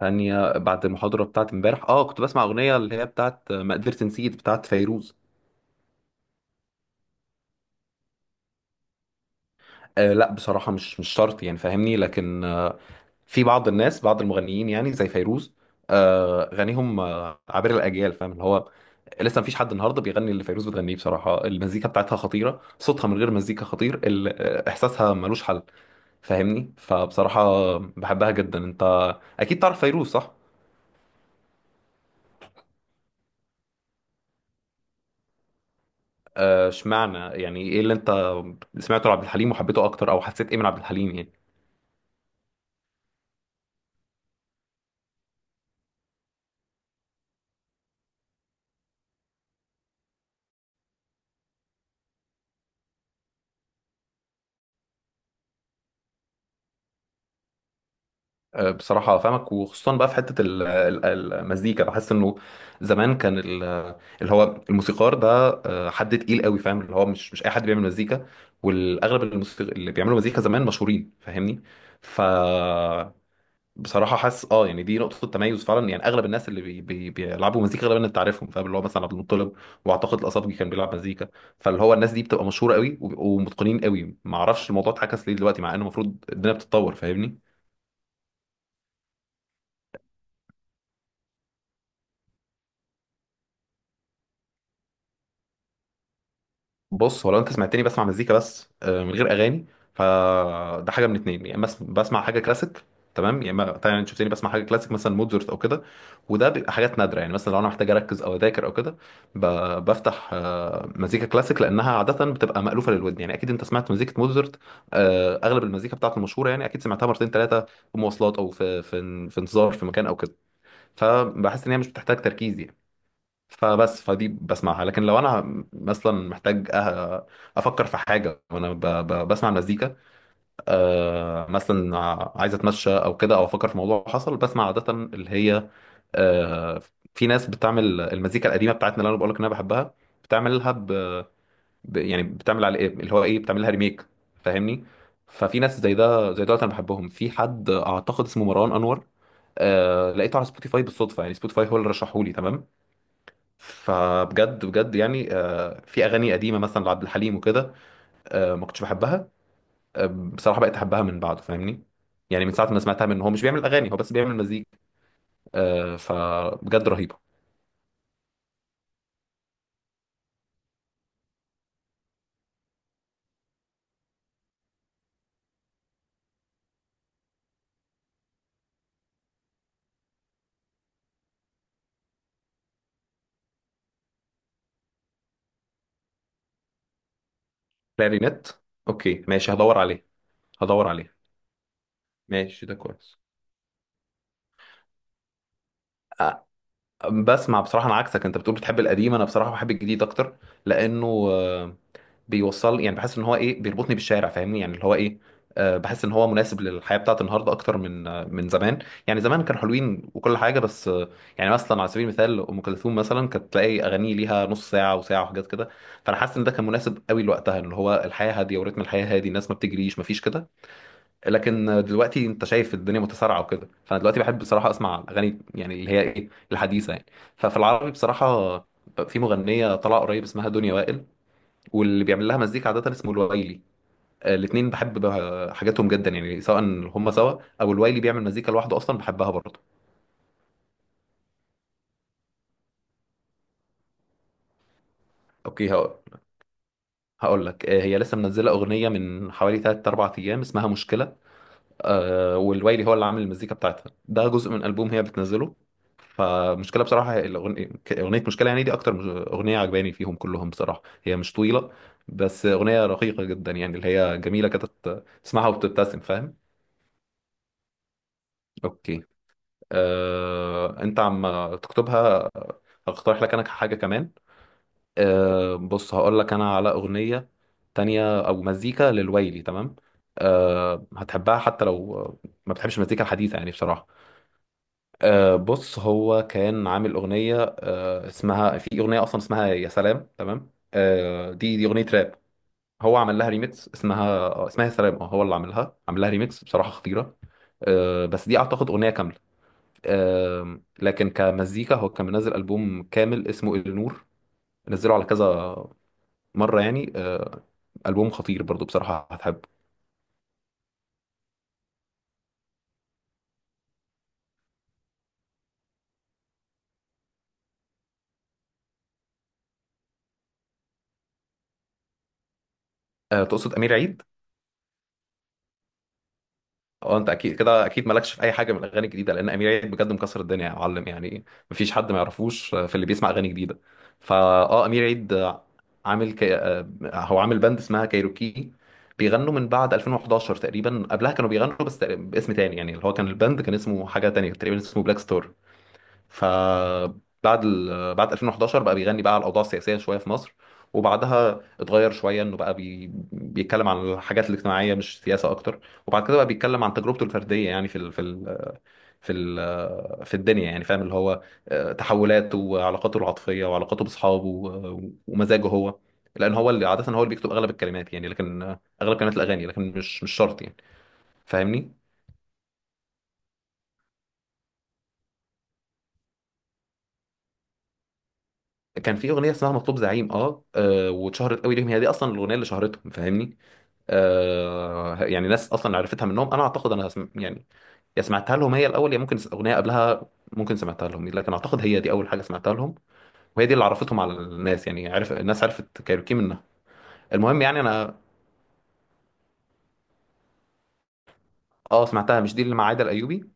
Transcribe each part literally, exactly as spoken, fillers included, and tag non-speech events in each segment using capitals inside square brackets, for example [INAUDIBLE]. ثانية بعد المحاضرة بتاعت امبارح اه كنت بسمع أغنية اللي هي بتاعت آه، ما قدرت نسيت، بتاعت فيروز. آه لا، بصراحة مش مش شرط يعني، فاهمني، لكن آه في بعض الناس، بعض المغنيين يعني زي فيروز، آه غنيهم آه عبر الأجيال، فاهم اللي هو لسه مفيش حد النهارده بيغني اللي فيروز بتغنيه. بصراحة المزيكا بتاعتها خطيرة، صوتها من غير مزيكا خطير، ال- آه، إحساسها ملوش حل. فاهمني، فبصراحة بحبها جدا. انت أكيد تعرف فيروز صح؟ آه، اشمعنى، يعني ايه اللي انت سمعته لعبد الحليم وحبيته اكتر، او حسيت ايه من عبد الحليم يعني. آه، بصراحة فاهمك، وخصوصا بقى في حتة ال- ال- المزيكا، بحس انه زمان كان ال- اللي هو الموسيقار ده آه، حد تقيل قوي، فاهم اللي هو مش مش اي حد بيعمل مزيكا. والاغلب الموسيقى اللي بيعملوا مزيكا زمان مشهورين، فاهمني. ف بصراحه حاسس، اه يعني دي نقطه تميز فعلا، يعني اغلب الناس اللي بي بي بيلعبوا مزيكا غالبا انت عارفهم، فاهم اللي هو مثلا عبد المطلب، واعتقد الاصابجي كان بيلعب مزيكا. فاللي هو الناس دي بتبقى مشهوره قوي وبيبقوا متقنين قوي، ما اعرفش الموضوع اتعكس ليه دلوقتي مع انه المفروض الدنيا بتتطور، فاهمني. بص، هو لو انت سمعتني بسمع مزيكا بس آه، من غير اغاني، فده حاجه من اتنين: يا اما بس- بسمع حاجه كلاسيك، تمام، يا اما طبعا انت شفتني بسمع حاجه كلاسيك مثلا موزارت او كده. وده بيبقى حاجات نادره، يعني مثلا لو انا محتاج اركز او اذاكر او كده، ب- بفتح آه، مزيكا كلاسيك لانها عاده بتبقى مالوفه للودن، يعني اكيد انت سمعت مزيكه موزارت. آه، اغلب المزيكا بتاعته المشهوره، يعني اكيد سمعتها مرتين ثلاثه في مواصلات، او في في في انتظار في مكان او كده. فبحس ان هي مش بتحتاج تركيز يعني، فبس فدي بسمعها. لكن لو انا مثلا محتاج أه- افكر في حاجه وانا ب- ب- بسمع مزيكا، أه، مثلا عايز اتمشى او كده، او افكر في موضوع حصل، بسمع عاده اللي هي آه، في ناس بتعمل المزيكا القديمه بتاعتنا اللي انا بقول لك ان انا بحبها، بتعملها ب... ب... يعني بتعمل على ايه اللي هو ايه، بتعملها ريميك، فاهمني. ففي ناس زي ده زي دولت انا بحبهم، في حد اعتقد اسمه مروان انور. آه... لقيته على سبوتيفاي بالصدفه، يعني سبوتيفاي هو اللي رشحه لي، تمام. فبجد بجد يعني، آه، في اغاني قديمه مثلا لعبد الحليم وكده، آه، ما كنتش بحبها، آه، بصراحه بقيت احبها من بعده، فاهمني، يعني من ساعه ما سمعتها منه. هو مش بيعمل اغاني، هو بس بيعمل مزيكا، آه، فبجد رهيبه. كلارينيت، اوكي ماشي، هدور عليه. هدور عليه. ماشي ده كويس. آه، بسمع بصراحه، انا عكسك، انت بتقول بتحب القديم، انا بصراحه بحب الجديد اكتر، لانه آه، بيوصل يعني، بحس ان هو ايه بيربطني بالشارع، فاهمني، يعني اللي هو ايه. آه، بحس ان هو مناسب للحياه بتاعت النهارده اكتر من آه، من زمان. يعني زمان كانوا حلوين وكل حاجه، بس آه، يعني مثلا على سبيل المثال ام كلثوم مثلا كانت تلاقي اغاني ليها نص ساعه وساعه وحاجات كده. فانا حاسس ان ده كان مناسب قوي لوقتها، اللي هو الحياه هاديه ورتم الحياه هادي، الناس ما بتجريش، ما فيش كده. لكن آه، دلوقتي انت شايف الدنيا متسارعه وكده، فانا دلوقتي بحب بصراحه اسمع الاغاني يعني اللي هي ايه الحديثه يعني. ففي العربي بصراحه، في مغنيه طالعه قريب اسمها دنيا وائل، واللي بيعمل لها مزيكا عادة اسمه الوايلي. آه، الاتنين بحب ب- حاجاتهم جدا، يعني سواء هم سوا او الوايلي بيعمل مزيكا لوحده، اصلا بحبها برضه. اوكي، هقول هقول لك، آه، هي لسه منزله اغنيه من حوالي ثلاثة أربعة ايام اسمها مشكله، آه، والوايلي هو اللي عامل المزيكا بتاعتها، ده جزء من البوم هي بتنزله. فمشكله بصراحه، هي الأغن- ك- اغنيه مشكله يعني، دي اكتر مش- اغنيه عجباني فيهم كلهم. بصراحه هي مش طويله، بس اغنيه رقيقه جدا يعني، اللي هي جميله كده، تسمعها وبتبتسم، فاهم. اوكي، آه، انت عم تكتبها. هقترح لك انا حاجه كمان، آه، بص، هقول لك انا على اغنيه تانية او مزيكا للويلي، تمام، آه، هتحبها حتى لو ما بتحبش المزيكا الحديثه يعني بصراحه. آه، بص، هو كان عامل اغنيه، آه، اسمها، في اغنيه اصلا اسمها يا سلام، تمام. آه، دي دي اغنيه راب، هو عمل لها ريميكس، اسمها اسمها يا سلام. اه هو اللي عملها، عمل لها ريميكس بصراحه خطيره. آه، بس دي اعتقد اغنيه كامله. آم، لكن كمزيكا هو كان منزل ألبوم كامل اسمه النور، نزله على كذا مرة يعني، آه، ألبوم خطير برضو بصراحة، هتحب. آه، تقصد أمير عيد؟ اه، انت اكيد كده، اكيد مالكش في اي حاجه من الاغاني الجديده، لان امير عيد بجد مكسر الدنيا يا معلم يعني، مفيش حد ما يعرفوش آه، في اللي بيسمع اغاني جديده. فا اه امير عيد آه، عامل كي... آه، هو عامل باند اسمها كايروكي، بيغنوا من بعد ألفين وحداشر تقريبا، قبلها كانوا بيغنوا بس تقريباً باسم تاني، يعني اللي هو كان الباند كان اسمه حاجه تانية تقريبا اسمه بلاك ستار. فبعد ال... بعد ألفين وحداشر بقى بيغني بقى على الاوضاع السياسيه شويه في مصر، وبعدها اتغير شويه انه بقى بي... بيتكلم عن الحاجات الاجتماعيه مش سياسه اكتر، وبعد كده بقى بيتكلم عن تجربته الفرديه يعني في ال... في ال... في ال... في الدنيا، يعني فاهم اللي هو، آه، تحولاته وعلاقاته العاطفيه وعلاقاته باصحابه و- ومزاجه هو، لان هو اللي عاده هو اللي بيكتب اغلب الكلمات يعني، لكن آه، اغلب كلمات الاغاني، لكن مش مش شرط يعني، فاهمني. كان في اغنيه اسمها مطلوب زعيم، اه, آه واتشهرت قوي ليهم، هي دي اصلا الاغنيه اللي شهرتهم، فاهمني. آه، يعني ناس اصلا عرفتها منهم، انا اعتقد انا سم... يعني، يا سمعتها لهم هي الاول، يا ممكن س- اغنيه قبلها. ممكن سمعتها لهم، لكن اعتقد هي دي اول حاجه سمعتها لهم، وهي دي اللي عرفتهم على الناس يعني، عرف الناس، عرفت كايروكي منها. المهم يعني انا. اه، سمعتها، مش دي اللي مع عايده الايوبي.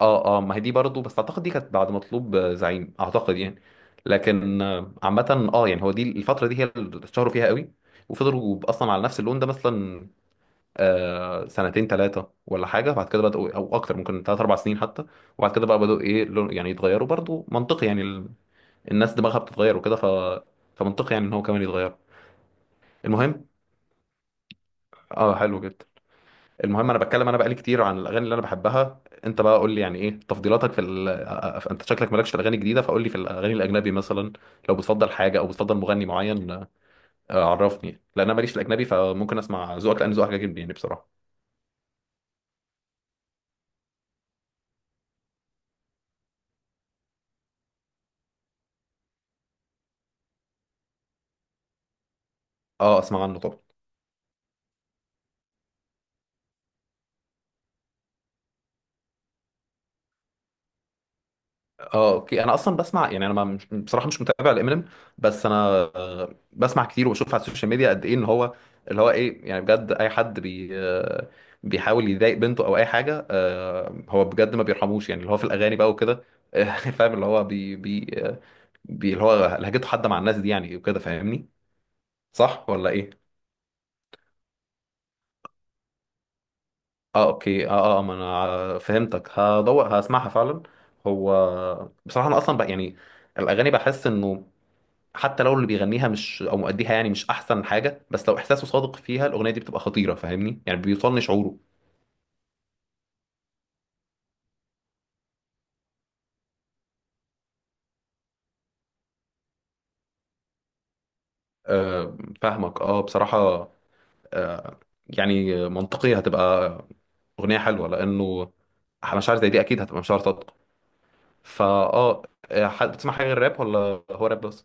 اه، اه، ما هي دي برضه، بس اعتقد دي كانت بعد مطلوب آه، زعيم اعتقد يعني. لكن آه، عامه، اه يعني هو دي الفتره دي هي اللي اتشهروا فيها قوي، وفضلوا اصلا على نفس اللون ده مثلا آه، سنتين ثلاثة ولا حاجة، بعد كده بدأوا، أو أكتر ممكن ثلاث أربع سنين حتى. وبعد كده بقى بدأوا إيه، لون- يعني يتغيروا، برضو منطقي يعني، ال... الناس دماغها بتتغير وكده، ف... فمنطقي يعني إن هو كمان يتغير. المهم. أه، حلو جدا. المهم، أنا بتكلم أنا بقالي كتير عن الأغاني اللي أنا بحبها، أنت بقى قول لي يعني إيه تفضيلاتك في ال... آه، آه، أنت شكلك مالكش في الأغاني الجديدة، فقول لي في الأغاني الأجنبي مثلا، لو بتفضل حاجة أو بتفضل مغني معين. آه، عرفني، لأن أنا ماليش في الأجنبي، فممكن أسمع ذوقك لأن ذوقك عاجبني يعني بصراحة. أه، أسمع عنه طبعا. اه، اوكي، انا اصلا بسمع يعني، انا ما مش بصراحه مش متابع لامينيم، بس انا آه، بسمع كتير وبشوف على السوشيال ميديا قد ايه ان هو اللي هو ايه يعني، بجد اي حد بي آه، بيحاول يضايق بنته او اي حاجه، آه، هو بجد ما بيرحموش يعني، اللي هو في الاغاني بقى وكده. [LAUGHS] آه، فاهم اللي هو بي بي آه، بي اللي هو لهجته حاده مع الناس دي يعني وكده، فاهمني. صح ولا ايه؟ اه، اوكي، اه، اه، ما انا فهمتك، هدور هسمعها فعلا. هو بصراحه انا اصلا بقى يعني الاغاني بحس انه، حتى لو اللي بيغنيها مش، او مؤديها يعني مش احسن حاجه، بس لو احساسه صادق فيها، الاغنيه دي بتبقى خطيره، فاهمني، يعني بيوصلني شعوره. آه فاهمك، اه بصراحه. آه يعني منطقيه، هتبقى اغنيه حلوه، لانه مشاعر زي دي اكيد هتبقى مشاعر صادقه. فاه آه، آه، حد بتسمع حاجه غير الراب، ولا هو راب بس؟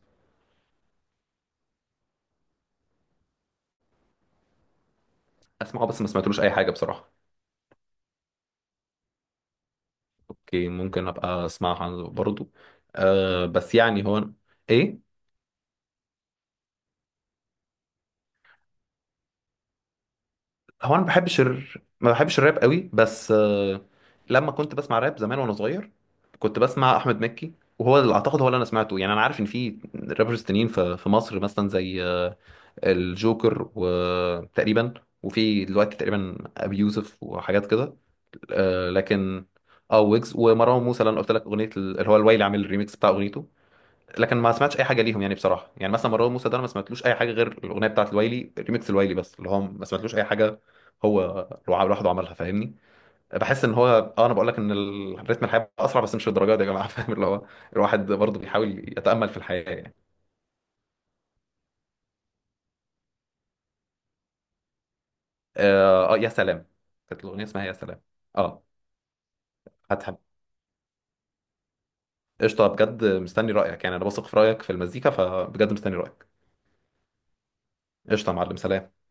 اسمعه، بس ما سمعتلوش اي حاجه بصراحه. اوكي، ممكن ابقى اسمعها برضو. آه بس يعني، هو ايه. هو انا ما بحبش الر... ما بحبش الراب قوي، بس آه، لما كنت بسمع راب زمان وانا صغير كنت بسمع احمد مكي، وهو اللي اعتقد هو اللي انا سمعته يعني، انا عارف ان في رابرز تانيين في في مصر مثلا زي آه، الجوكر وتقريبا، وفي دلوقتي تقريبا ابي يوسف وحاجات كده. آه، لكن اه، ويجز ومروان موسى، اللي انا قلت لك اغنيه ال- اللي هو الويلي عامل الريميكس بتاع اغنيته. لكن ما سمعتش اي حاجه ليهم يعني بصراحه، يعني مثلا مروان موسى ده انا ما سمعتلوش اي حاجه غير الاغنيه بتاعت الويلي، ريميكس الويلي بس، اللي هو ما سمعتلوش اي حاجه. هو لوع- لوحده عملها، فاهمني. بحس ان هو، اه، انا بقول لك ان ال- رتم الحياه اسرع، بس مش للدرجه دي يا جماعه. [LAUGHS] فاهم اللي هو الواحد برضه بيحاول يتامل في الحياه يعني. اه، آه، يا سلام. كانت الاغنيه اسمها يا سلام. اه، هتحب. قشطه، بجد مستني رايك يعني، انا بثق في رايك في المزيكا، فبجد مستني رايك. قشطه يا معلم، سلام.